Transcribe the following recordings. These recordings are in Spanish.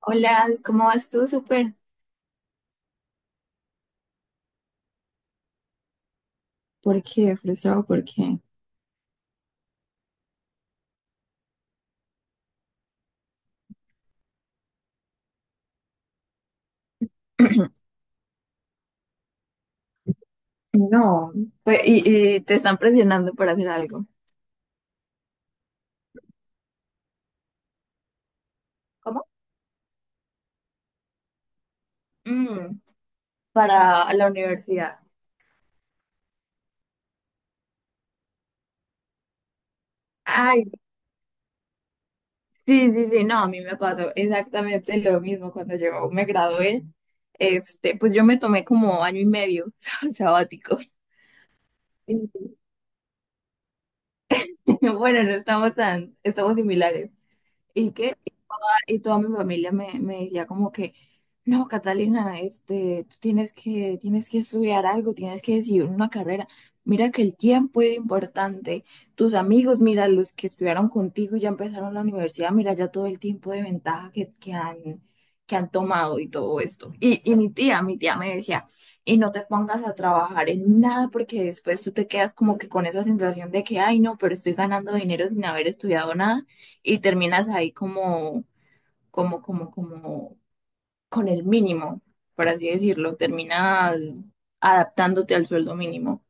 Hola, ¿cómo vas tú? Súper. ¿Por qué? Frustrado, ¿por qué? No. Pues, y te están presionando para hacer algo. ¿Cómo? Mm, para la universidad. Ay, sí, sí, sí, no, a mí me pasó exactamente lo mismo cuando yo me gradué. Este, pues yo me tomé como año y medio sabático. Sí. Bueno, no estamos tan, estamos similares. ¿Y qué? Y toda mi familia me decía como que, no, Catalina, este, tú tienes que estudiar algo, tienes que decidir una carrera. Mira que el tiempo es importante. Tus amigos, mira, los que estudiaron contigo y ya empezaron la universidad, mira ya todo el tiempo de ventaja que han tomado y todo esto. Y mi tía me decía, y no te pongas a trabajar en nada porque después tú te quedas como que con esa sensación de que, ay, no, pero estoy ganando dinero sin haber estudiado nada y terminas ahí como con el mínimo, por así decirlo, terminas adaptándote al sueldo mínimo.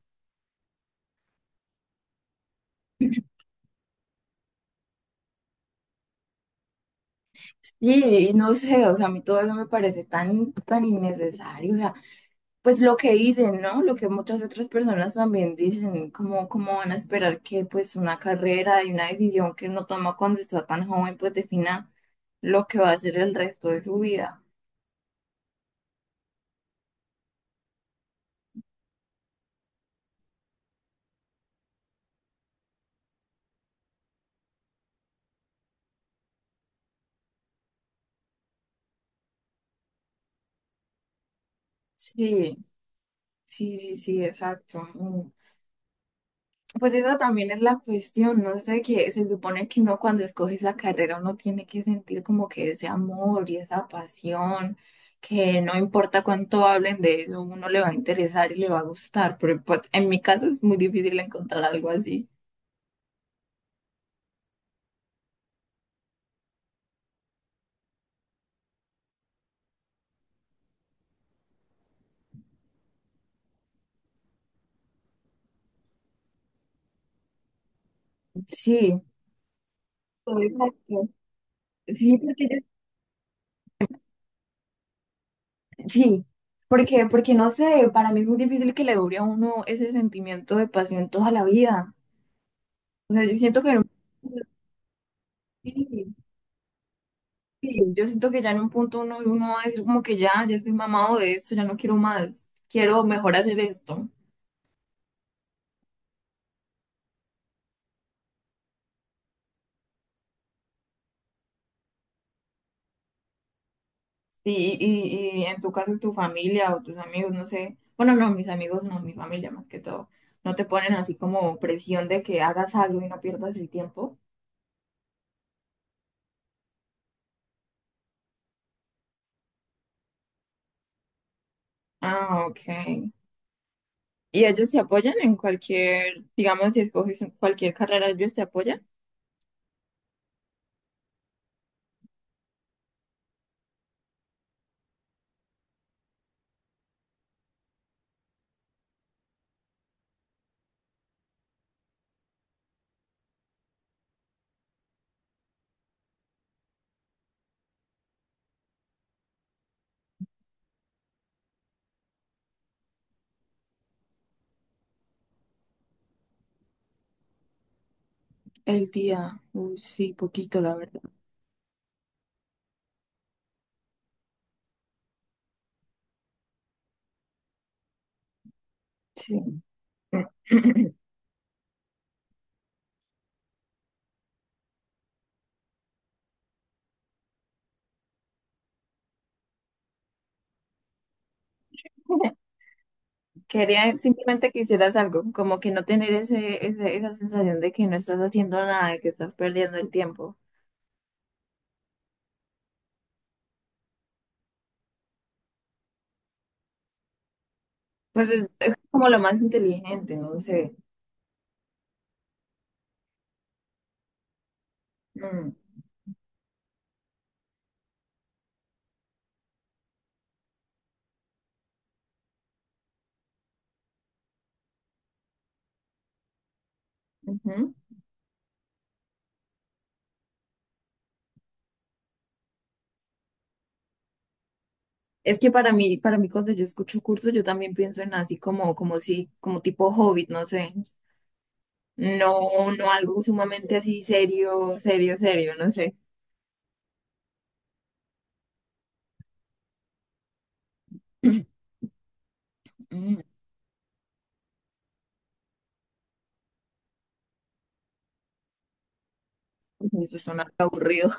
Sí, y no sé, o sea, a mí todo eso me parece tan, tan innecesario, o sea, pues lo que dicen, ¿no? Lo que muchas otras personas también dicen, como, cómo van a esperar que pues una carrera y una decisión que uno toma cuando está tan joven, pues defina lo que va a ser el resto de su vida. Sí, sí, sí, sí, exacto. Pues esa también es la cuestión, ¿no? Sé que se supone que uno cuando escoge esa carrera uno tiene que sentir como que ese amor y esa pasión, que no importa cuánto hablen de eso, uno le va a interesar y le va a gustar, pero pues, en mi caso es muy difícil encontrar algo así. Sí, exacto. Sí, sí, porque, porque no sé, para mí es muy difícil que le dure a uno ese sentimiento de pasión toda la vida. O sea, yo siento que no. Sí, sí, yo siento que ya en un punto uno va a decir como que ya, ya estoy mamado de esto, ya no quiero más, quiero mejor hacer esto. Sí, y en tu caso, tu familia o tus amigos, no sé, bueno, no, mis amigos no, mi familia más que todo, no te ponen así como presión de que hagas algo y no pierdas el tiempo. Ah, ok. ¿Y ellos te apoyan en cualquier, digamos, si escoges cualquier carrera, ellos te apoyan? El día, uy, sí, poquito, la verdad. Sí. Quería simplemente que hicieras algo, como que no tener esa sensación de que no estás haciendo nada, de que estás perdiendo el tiempo. Pues es como lo más inteligente, no sé. Mm, ujú. Es que para mí cuando yo escucho cursos, yo también pienso en así como, como si, como tipo hobbit, no sé. No, no algo sumamente así serio, no sé. Mm, eso suena aburrido.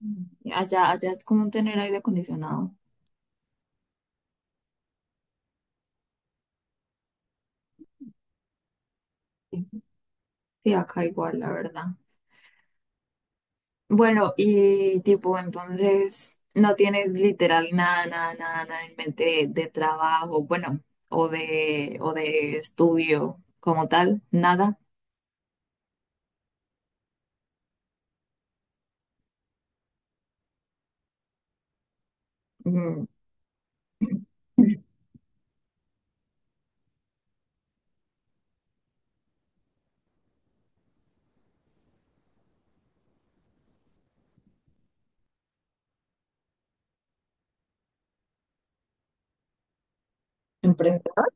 Mm. Allá, allá es común tener aire acondicionado. Sí, sí, acá igual, la verdad. Bueno, y tipo, entonces no tienes literal nada en mente de trabajo, bueno, o de estudio como tal, nada. Mm, ¿Emprendedor?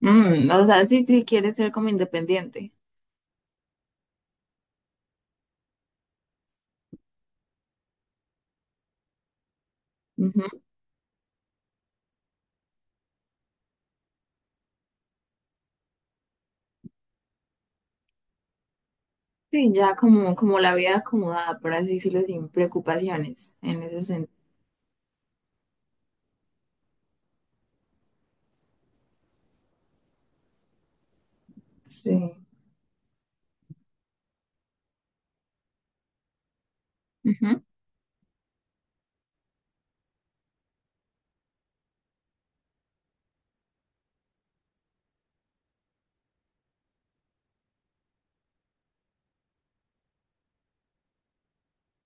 Mm, o sea, sí, sí, quieres ser como independiente. Ujú. Sí, ya como, como la vida acomodada, por así decirlo, sin preocupaciones en ese sentido. Sí. Ujú.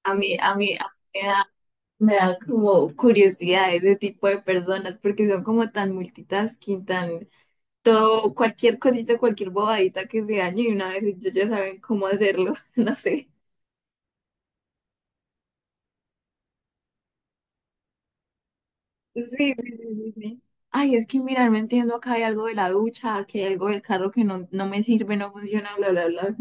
A mí me da como curiosidad ese tipo de personas porque son como tan multitasking, tan todo, cualquier cosita, cualquier bobadita que se dañe y una vez ellos ya saben cómo hacerlo, no sé. Sí, sí, sí, sí, sí. Ay, es que mirar, no entiendo, acá hay algo de la ducha, aquí hay algo del carro que no, no me sirve, no funciona, bla, bla, bla.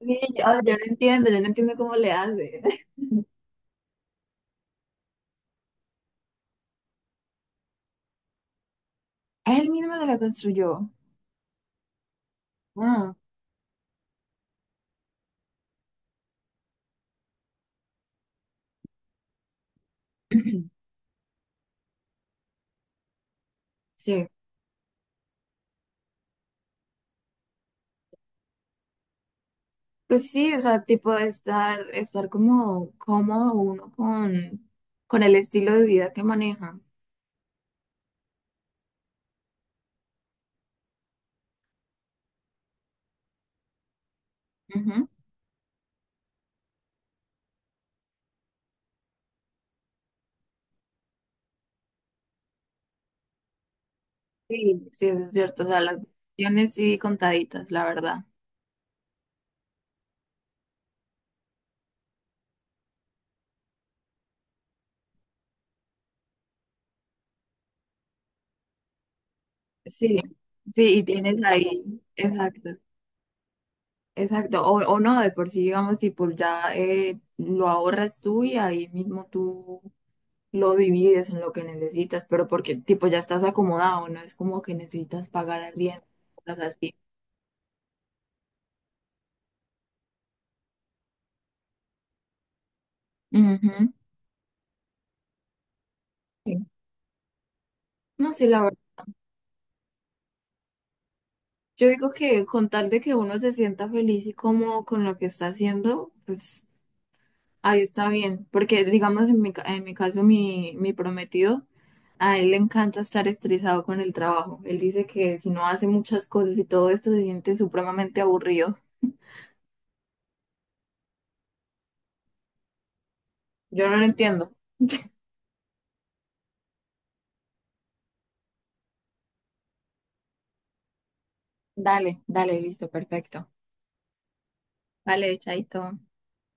Sí, yo no entiendo cómo le hace. Él mismo se la construyó. Ah, sí. Pues sí, o sea, tipo de estar, estar como cómodo uno con el estilo de vida que maneja. Ujú. Sí, sí, eso es cierto. O sea, las opciones sí contaditas, la verdad. Sí, sí, y tienes ahí, exacto, exacto. O no, de por sí, digamos, tipo, ya lo ahorras tú y ahí mismo tú lo divides en lo que necesitas, pero porque, tipo, ya estás acomodado, no es como que necesitas pagar arriendo, cosas así. Ujú. Sí. No, sí, la verdad. Yo digo que con tal de que uno se sienta feliz y cómodo con lo que está haciendo, pues ahí está bien, porque digamos en mi, en mi caso mi, mi prometido, a él le encanta estar estresado con el trabajo. Él dice que si no hace muchas cosas y todo esto se siente supremamente aburrido. Yo no lo entiendo. Dale, dale, listo, perfecto. Vale, chaito.